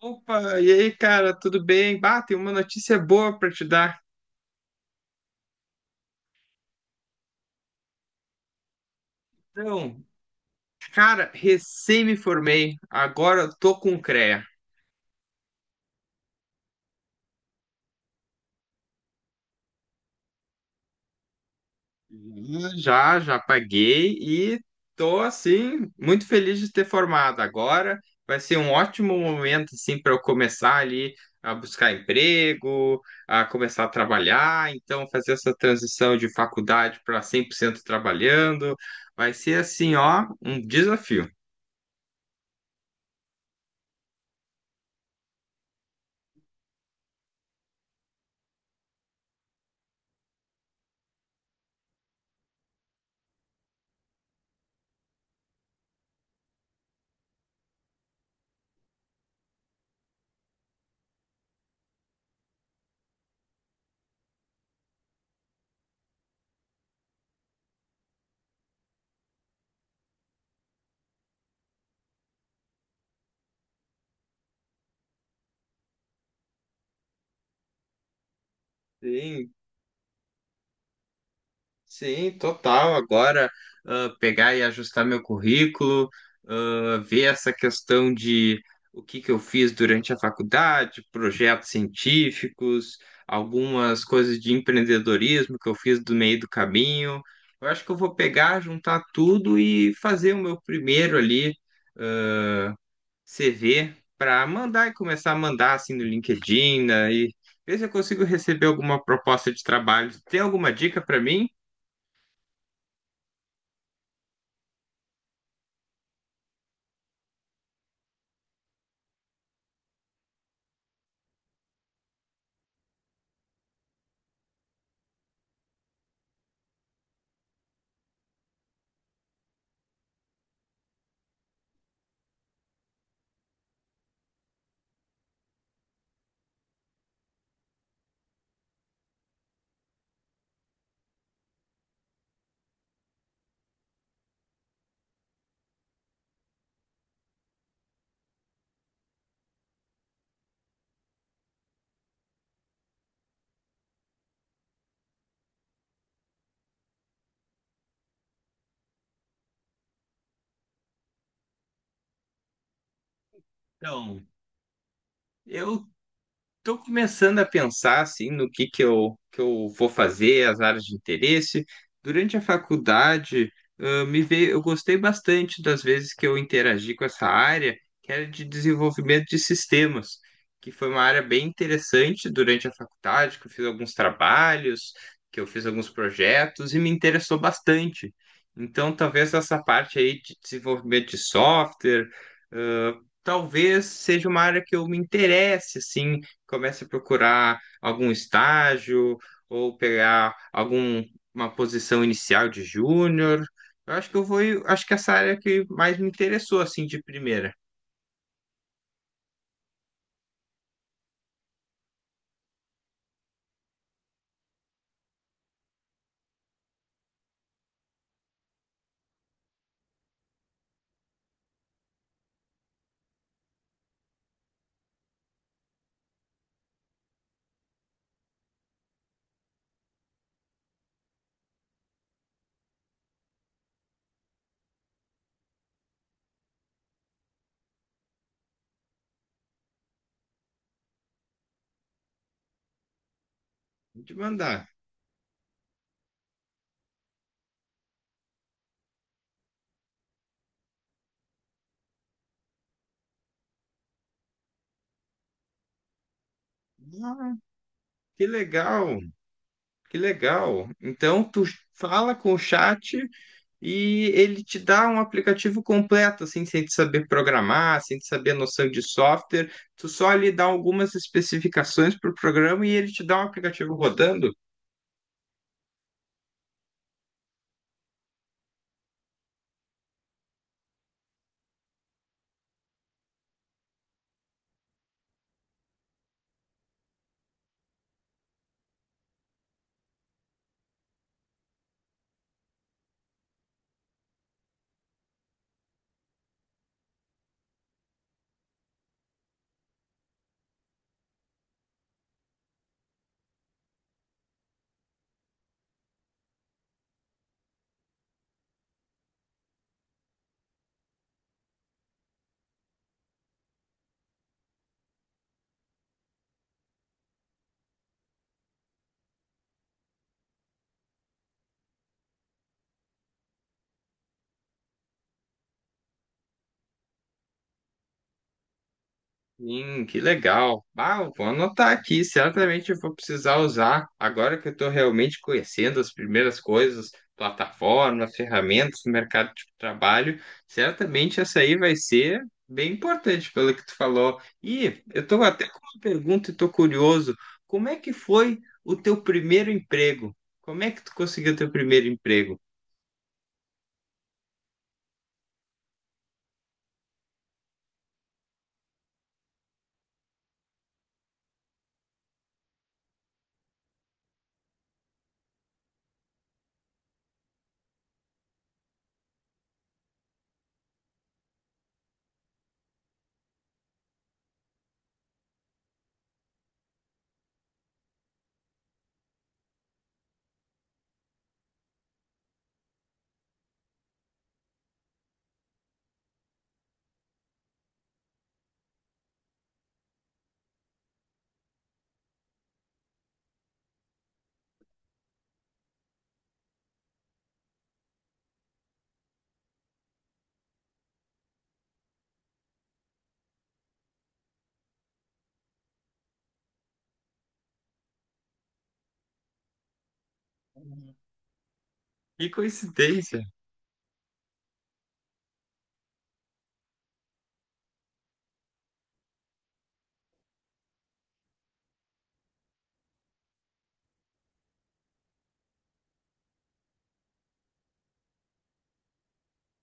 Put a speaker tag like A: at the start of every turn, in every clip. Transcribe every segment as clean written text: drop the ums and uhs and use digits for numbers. A: Opa, e aí, cara, tudo bem? Bah, tem uma notícia boa pra te dar. Então, cara, recém me formei, agora eu tô com o CREA. Já, já paguei e tô, assim, muito feliz de ter formado. Agora vai ser um ótimo momento, assim, para eu começar ali a buscar emprego, a começar a trabalhar. Então, fazer essa transição de faculdade para 100% trabalhando vai ser, assim, ó, um desafio. Sim, sim, total. Agora, pegar e ajustar meu currículo, ver essa questão de o que que eu fiz durante a faculdade, projetos científicos, algumas coisas de empreendedorismo que eu fiz do meio do caminho. Eu acho que eu vou pegar, juntar tudo e fazer o meu primeiro ali, ah, CV para mandar e começar a mandar assim no LinkedIn, né, e ver se eu consigo receber alguma proposta de trabalho. Tem alguma dica para mim? Então, eu estou começando a pensar assim no que eu vou fazer, as áreas de interesse. Durante a faculdade, me veio, eu gostei bastante das vezes que eu interagi com essa área, que era de desenvolvimento de sistemas, que foi uma área bem interessante durante a faculdade, que eu fiz alguns trabalhos, que eu fiz alguns projetos e me interessou bastante. Então, talvez essa parte aí de desenvolvimento de software, ah, talvez seja uma área que eu me interesse, assim comece a procurar algum estágio ou pegar alguma posição inicial de júnior. Eu acho que acho que essa área que mais me interessou assim de primeira. De mandar. Ah, que legal, que legal. Então tu fala com o chat e ele te dá um aplicativo completo, assim, sem te saber programar, sem te saber a noção de software. Tu só lhe dá algumas especificações para o programa e ele te dá um aplicativo rodando. Sim, que legal. Ah, eu vou anotar aqui, certamente eu vou precisar usar. Agora que eu estou realmente conhecendo as primeiras coisas, plataforma ferramentas, mercado de trabalho, certamente essa aí vai ser bem importante pelo que tu falou. E eu estou até com uma pergunta e estou curioso. Como é que foi o teu primeiro emprego? Como é que tu conseguiu teu primeiro emprego? Que coincidência!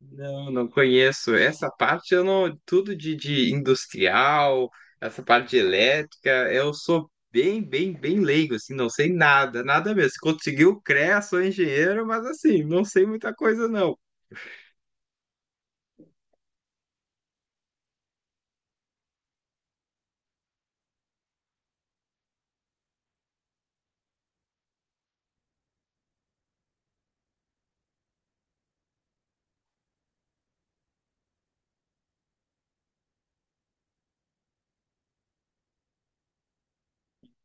A: Não, não conheço. Essa parte eu não. Tudo de industrial, essa parte de elétrica, eu sou bem, bem, bem leigo, assim, não sei nada, nada mesmo. Se conseguiu, CREA, sou engenheiro, mas assim, não sei muita coisa, não.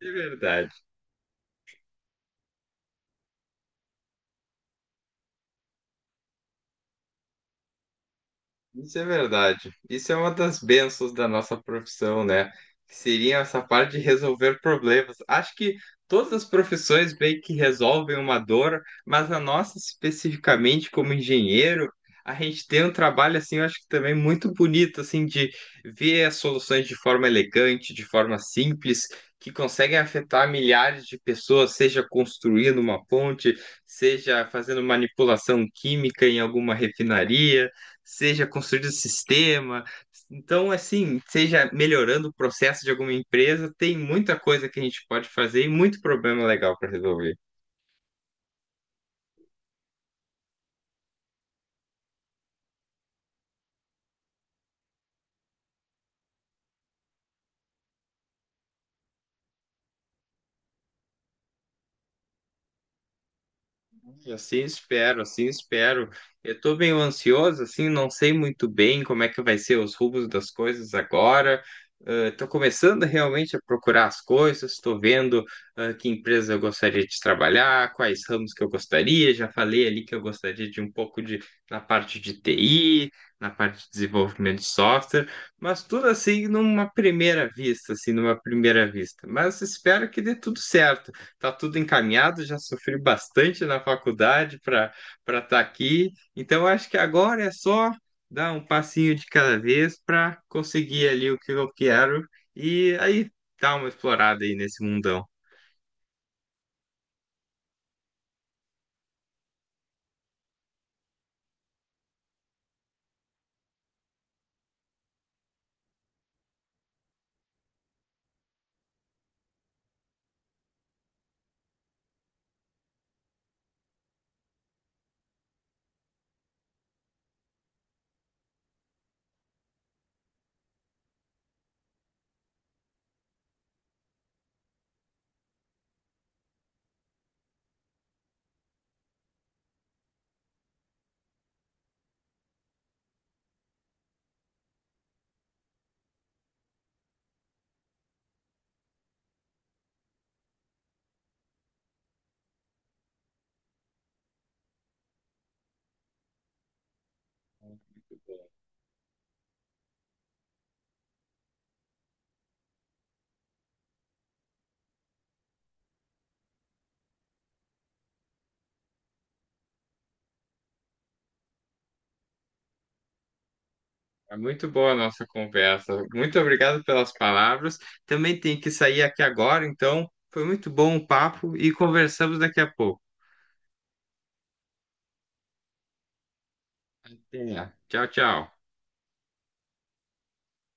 A: De verdade. Isso é verdade. Isso é uma das bênçãos da nossa profissão, né? Que seria essa parte de resolver problemas. Acho que todas as profissões meio que resolvem uma dor, mas a nossa, especificamente como engenheiro, a gente tem um trabalho, assim, eu acho que também muito bonito, assim, de ver as soluções de forma elegante, de forma simples, que conseguem afetar milhares de pessoas, seja construindo uma ponte, seja fazendo manipulação química em alguma refinaria, seja construindo o sistema. Então, assim, seja melhorando o processo de alguma empresa, tem muita coisa que a gente pode fazer e muito problema legal para resolver. Assim espero, assim espero. Eu estou meio ansioso, assim, não sei muito bem como é que vai ser os rumos das coisas agora. Estou começando realmente a procurar as coisas, estou vendo que empresa eu gostaria de trabalhar, quais ramos que eu gostaria. Já falei ali que eu gostaria de um pouco de na parte de TI, na parte de desenvolvimento de software, mas tudo assim numa primeira vista, assim, numa primeira vista. Mas espero que dê tudo certo, tá tudo encaminhado, já sofri bastante na faculdade para para estar aqui. Então acho que agora é só dar um passinho de cada vez para conseguir ali o que eu quero e aí dar uma explorada aí nesse mundão. É muito boa a nossa conversa. Muito obrigado pelas palavras. Também tenho que sair aqui agora, então foi muito bom o papo e conversamos daqui a pouco. Até. Tchau, tchau.